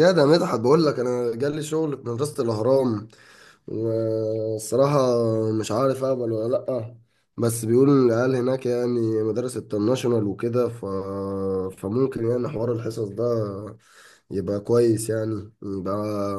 يا ده مدحت بقول لك انا جالي شغل في مدرسة الاهرام، والصراحة مش عارف اقبل ولا لأ. بس بيقولوا إن العيال هناك يعني مدارس الترناشونال وكده، فممكن يعني حوار الحصص ده يبقى كويس، يعني يبقى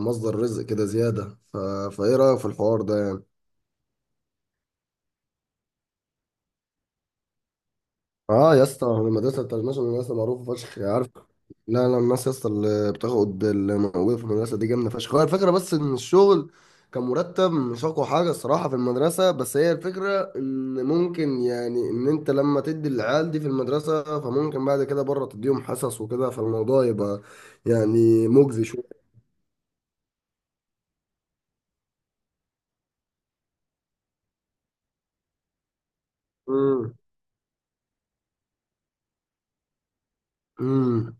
مصدر رزق كده زيادة. فايه رأيك في الحوار ده؟ اه يا اسطى، المدرسه الانترناشونال مدرسه معروفه فشخ، يعني عارف. لا لا، الناس يا اسطى اللي بتاخد اللي موجوده في المدرسه دي جامده فشخ. هو الفكره بس ان الشغل كان مرتب، مش اقوى حاجه الصراحه في المدرسه، بس هي الفكره ان ممكن يعني ان انت لما تدي العيال دي في المدرسه، فممكن بعد كده بره تديهم حصص وكده، فالموضوع يبقى يعني مجزي شويه. امم. امم.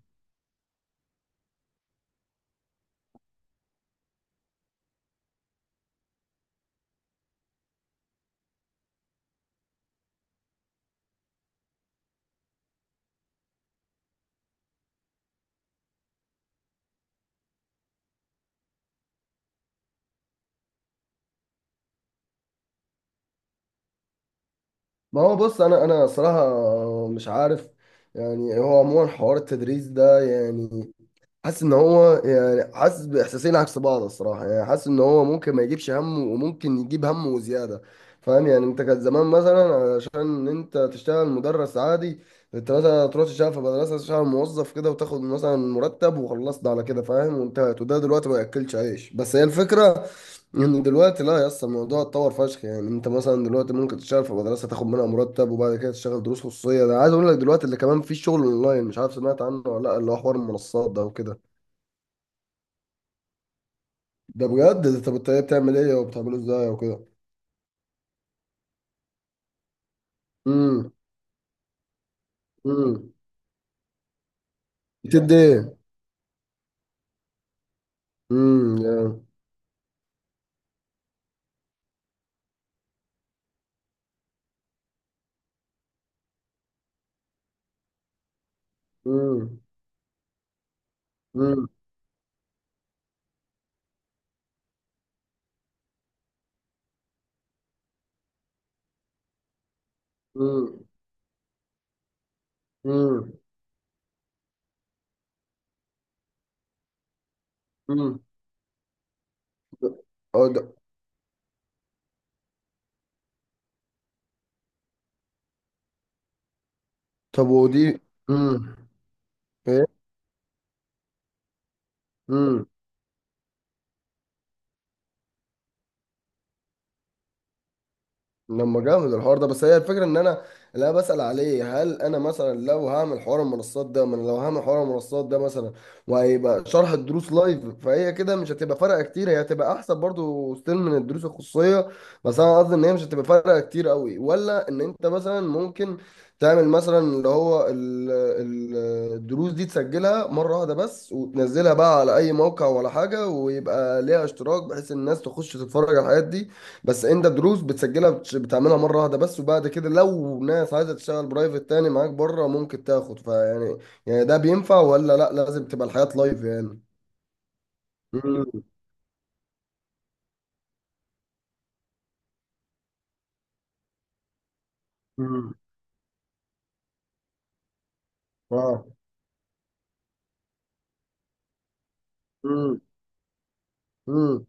ما هو بص، انا صراحه مش عارف. يعني هو عموما حوار التدريس ده يعني حاسس ان هو، يعني حاسس باحساسين عكس بعض الصراحه، يعني حاسس ان هو ممكن ما يجيبش همه وممكن يجيب همه وزياده. فاهم يعني، انت كان زمان مثلا علشان انت تشتغل مدرس عادي، انت مثلا تروح تشتغل في مدرسه، تشتغل موظف كده وتاخد مثلا مرتب، وخلصت على كده فاهم، وانتهت. وده دلوقتي ما ياكلش عيش، بس هي الفكره ان دلوقتي لا يا اسطى، الموضوع اتطور فشخ. يعني انت مثلا دلوقتي ممكن تشتغل في مدرسه، تاخد منها مرتب، وبعد كده تشتغل دروس خصوصيه. ده عايز اقول لك دلوقتي اللي كمان في شغل اونلاين. مش عارف سمعت عنه ولا لا، اللي هو حوار المنصات ده وكده. ده بجد؟ ده طب الطريقه بتعمل ايه وبتعمله ازاي وكده؟ امم. امم. بتدي ايه؟ يا. امم. امم. امم. امم. امم. اه ده. طب ودي. امم. ايه لما جامد الحوار ده! بس هي الفكره ان انا، اللي انا بسال عليه، هل انا مثلا لو هعمل حوار المنصات ده مثلا، وهيبقى شرح الدروس لايف، فهي كده مش هتبقى فارقه كتير، هي هتبقى احسن برضو ستيل من الدروس الخصوصيه، بس انا قصدي ان هي مش هتبقى فارقه كتير قوي. ولا ان انت مثلا ممكن تعمل مثلا اللي هو الدروس دي تسجلها مره واحده بس، وتنزلها بقى على اي موقع ولا حاجه، ويبقى ليها اشتراك، بحيث الناس تخش تتفرج على الحاجات دي. بس انت دروس بتسجلها، بتعملها مره واحده بس، وبعد كده لو ناس عايزه تشتغل برايفت تاني معاك بره ممكن تاخد، فيعني يعني. يعني ده بينفع ولا لا؟ لازم تبقى الحياه لايف يعني؟ امم. امم. اه. امم. امم.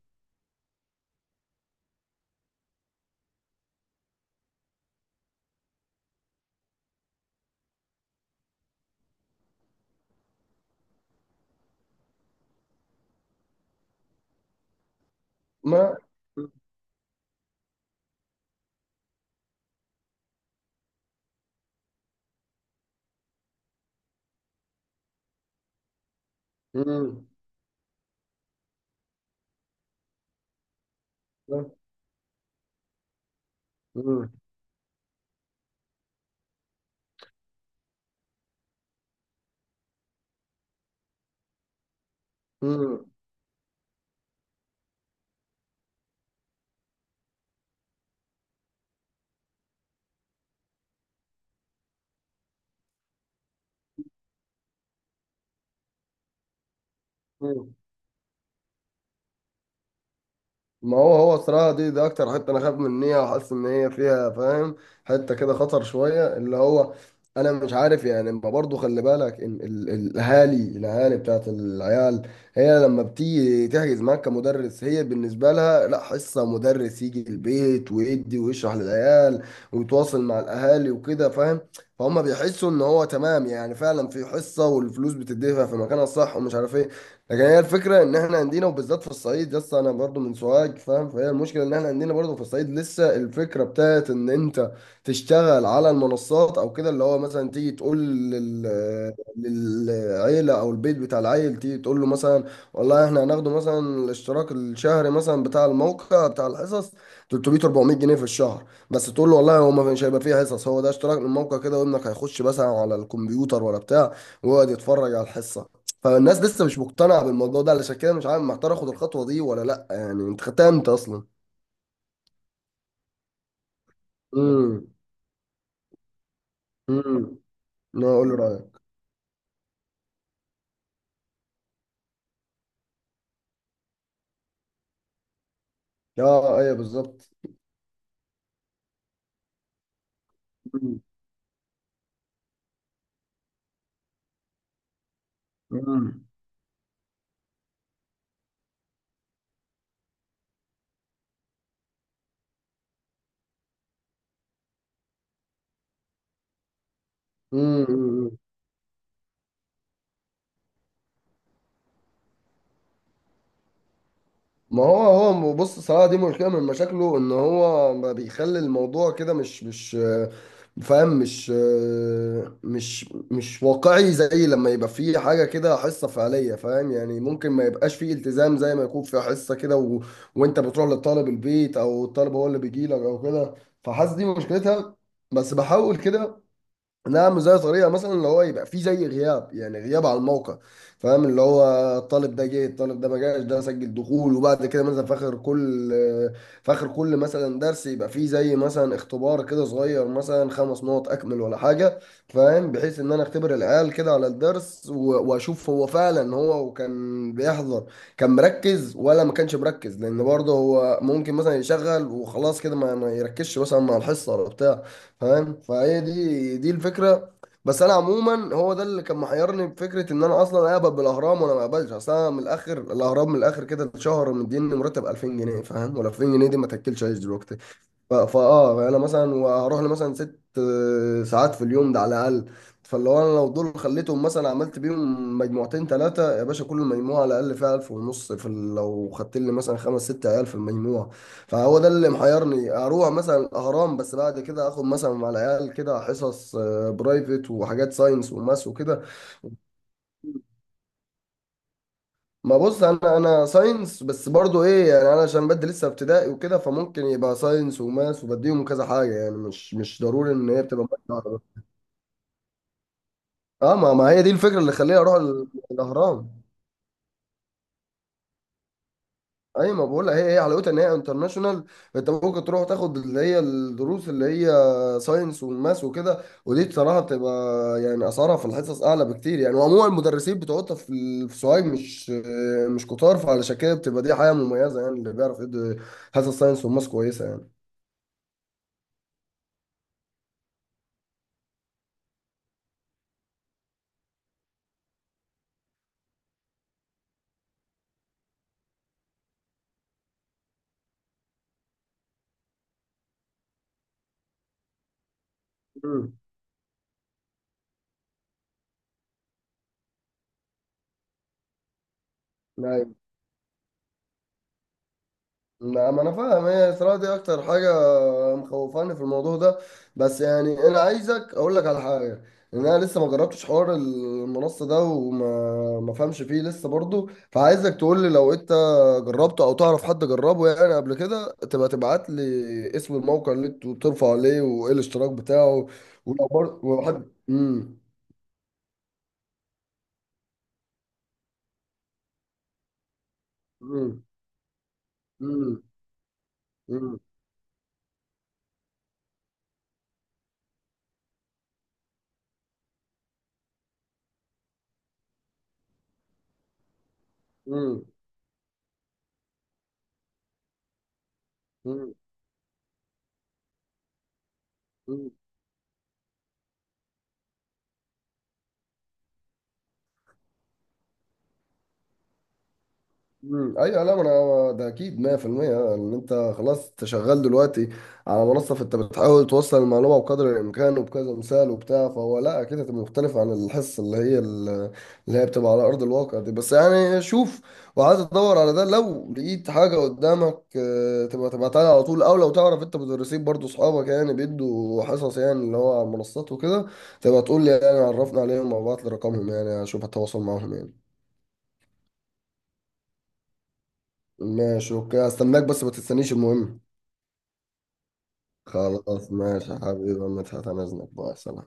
ما. امم. امم. امم. ما هو هو الصراحة دي أكتر حتة أنا خايف منها وحاسس إن هي فيها فاهم، حتة كده خطر شوية. اللي هو أنا مش عارف يعني، ما برضه خلي بالك إن الأهالي بتاعت العيال، هي لما بتيجي تحجز معاك كمدرس، هي بالنسبة لها لا، حصة، مدرس يجي البيت ويدي ويشرح للعيال ويتواصل مع الأهالي وكده فاهم. فهم بيحسوا إن هو تمام، يعني فعلا في حصة، والفلوس بتدفع في مكانها الصح ومش عارف إيه. لكن هي الفكره ان احنا عندنا وبالذات في الصعيد لسه، انا برضو من سوهاج فاهم، فهي المشكله ان احنا عندنا برضو في الصعيد لسه الفكره بتاعت ان انت تشتغل على المنصات او كده، اللي هو مثلا تيجي تقول للعيله او البيت بتاع العيل، تيجي تقول له مثلا والله احنا هناخده مثلا الاشتراك الشهري مثلا بتاع الموقع بتاع الحصص 300 400 جنيه في الشهر، بس تقول له والله هو ما مش هيبقى فيه حصص، هو ده اشتراك من الموقع كده، وابنك هيخش مثلا على الكمبيوتر ولا بتاع ويقعد يتفرج على الحصه. فالناس لسه مش مقتنعة بالموضوع ده، علشان كده مش عارف محتار اخد الخطوة دي ولا لا. يعني انت خدتها امتى اصلا؟ امم. امم. انا اقول رأيك. اه ايوه بالظبط. امم. امم. ما هو، هو بص صراحة دي مشكلة من مشاكله، ان هو ما بيخلي الموضوع كده، مش فاهم مش واقعي زي لما يبقى فيه حاجة كده حصة فعلية فاهم يعني. ممكن ما يبقاش فيه التزام زي ما يكون في حصة كده، وانت بتروح للطالب البيت او الطالب هو اللي بيجي لك او كده. فحاسس دي مشكلتها، بس بحاول كده. نعم زي طريقة مثلا اللي هو يبقى فيه زي غياب، يعني غياب على الموقع فاهم، اللي هو الطالب ده جه، الطالب ده ما جاش، ده سجل دخول، وبعد كده مثلا في اخر كل مثلا درس يبقى فيه زي مثلا اختبار كده صغير، مثلا 5 نقط اكمل ولا حاجة فاهم، بحيث ان انا اختبر العيال كده على الدرس واشوف هو فعلا هو كان بيحضر، كان مركز ولا ما كانش مركز، لان برضه هو ممكن مثلا يشغل وخلاص كده، ما يركزش مثلا مع الحصة ولا بتاع فاهم. فهي دي الفكره. بس انا عموما هو ده اللي كان محيرني بفكره ان انا اصلا اقبل بالاهرام وانا ما اقبلش. اصل انا من الاخر، الاهرام من الاخر كده، الشهر مديني مرتب 2000 جنيه فاهم، ولا 2000 جنيه دي ما تاكلش عيش دلوقتي. ف- فاه انا مثلا وهروح لي مثلا ست ساعات في اليوم ده على الاقل. فلو انا لو دول خليتهم مثلا عملت بيهم مجموعتين ثلاثه يا باشا، كل مجموعه على الاقل فيها 1000 ونص لو خدت لي مثلا 5 6 عيال في المجموعه. فهو ده اللي محيرني، اروح مثلا الاهرام بس بعد كده اخد مثلا مع العيال كده حصص برايفت وحاجات ساينس وماس وكده. ما بص، انا ساينس بس برضو ايه يعني، انا عشان بدي لسه ابتدائي وكده، فممكن يبقى ساينس وماس وبديهم كذا حاجه، يعني مش ضروري ان هي بتبقى مادة واحدة. اه، ما هي دي الفكره اللي خليني اروح الاهرام. اي ما بقول لك، هي هي حلاوتها ان هي انترناشونال. انت ممكن تروح تاخد اللي هي الدروس اللي هي ساينس وماس وكده، ودي بصراحه بتبقى يعني اسعارها في الحصص اعلى بكتير يعني. وعموما المدرسين بتوعها في سوهاج مش كتار، فعلشان كده بتبقى دي حاجه مميزه، يعني اللي بيعرف يدي حصص ساينس وماس كويسه يعني. امم. لا ما انا فاهم، هي الصراحه دي اكتر حاجه مخوفاني في الموضوع ده. بس يعني انا عايزك اقول لك على حاجه، ان انا لسه ما جربتش حوار المنصه ده، وما ما فهمش فيه لسه برضو، فعايزك تقول لي لو انت جربته او تعرف حد جربه يعني قبل كده، تبقى تبعت لي اسم الموقع اللي انتوا بترفعوا عليه، وايه الاشتراك بتاعه. ولو برضو وحد امم. امم. امم. امم. مم. ايوه. لا ما انا ده اكيد 100%، ان انت خلاص انت شغال دلوقتي على منصه، فانت بتحاول توصل المعلومه بقدر الامكان وبكذا مثال وبتاع، فهو لا اكيد هتبقى مختلف عن الحصه اللي هي بتبقى على ارض الواقع دي. بس يعني شوف وعايز تدور على ده، لو لقيت حاجه قدامك تبقى تبعتها لي على طول، او لو تعرف انت مدرسين برضو اصحابك يعني بيدوا حصص، يعني اللي هو على المنصات وكده، تبقى تقول لي يعني عرفنا عليهم او ابعت لي رقمهم يعني اشوف هتواصل معاهم يعني. ماشي اوكي، استناك. بس ما تستنيش المهم. خلاص ماشي يا حبيبي يا مدحت، انا اذنك بقى، سلام.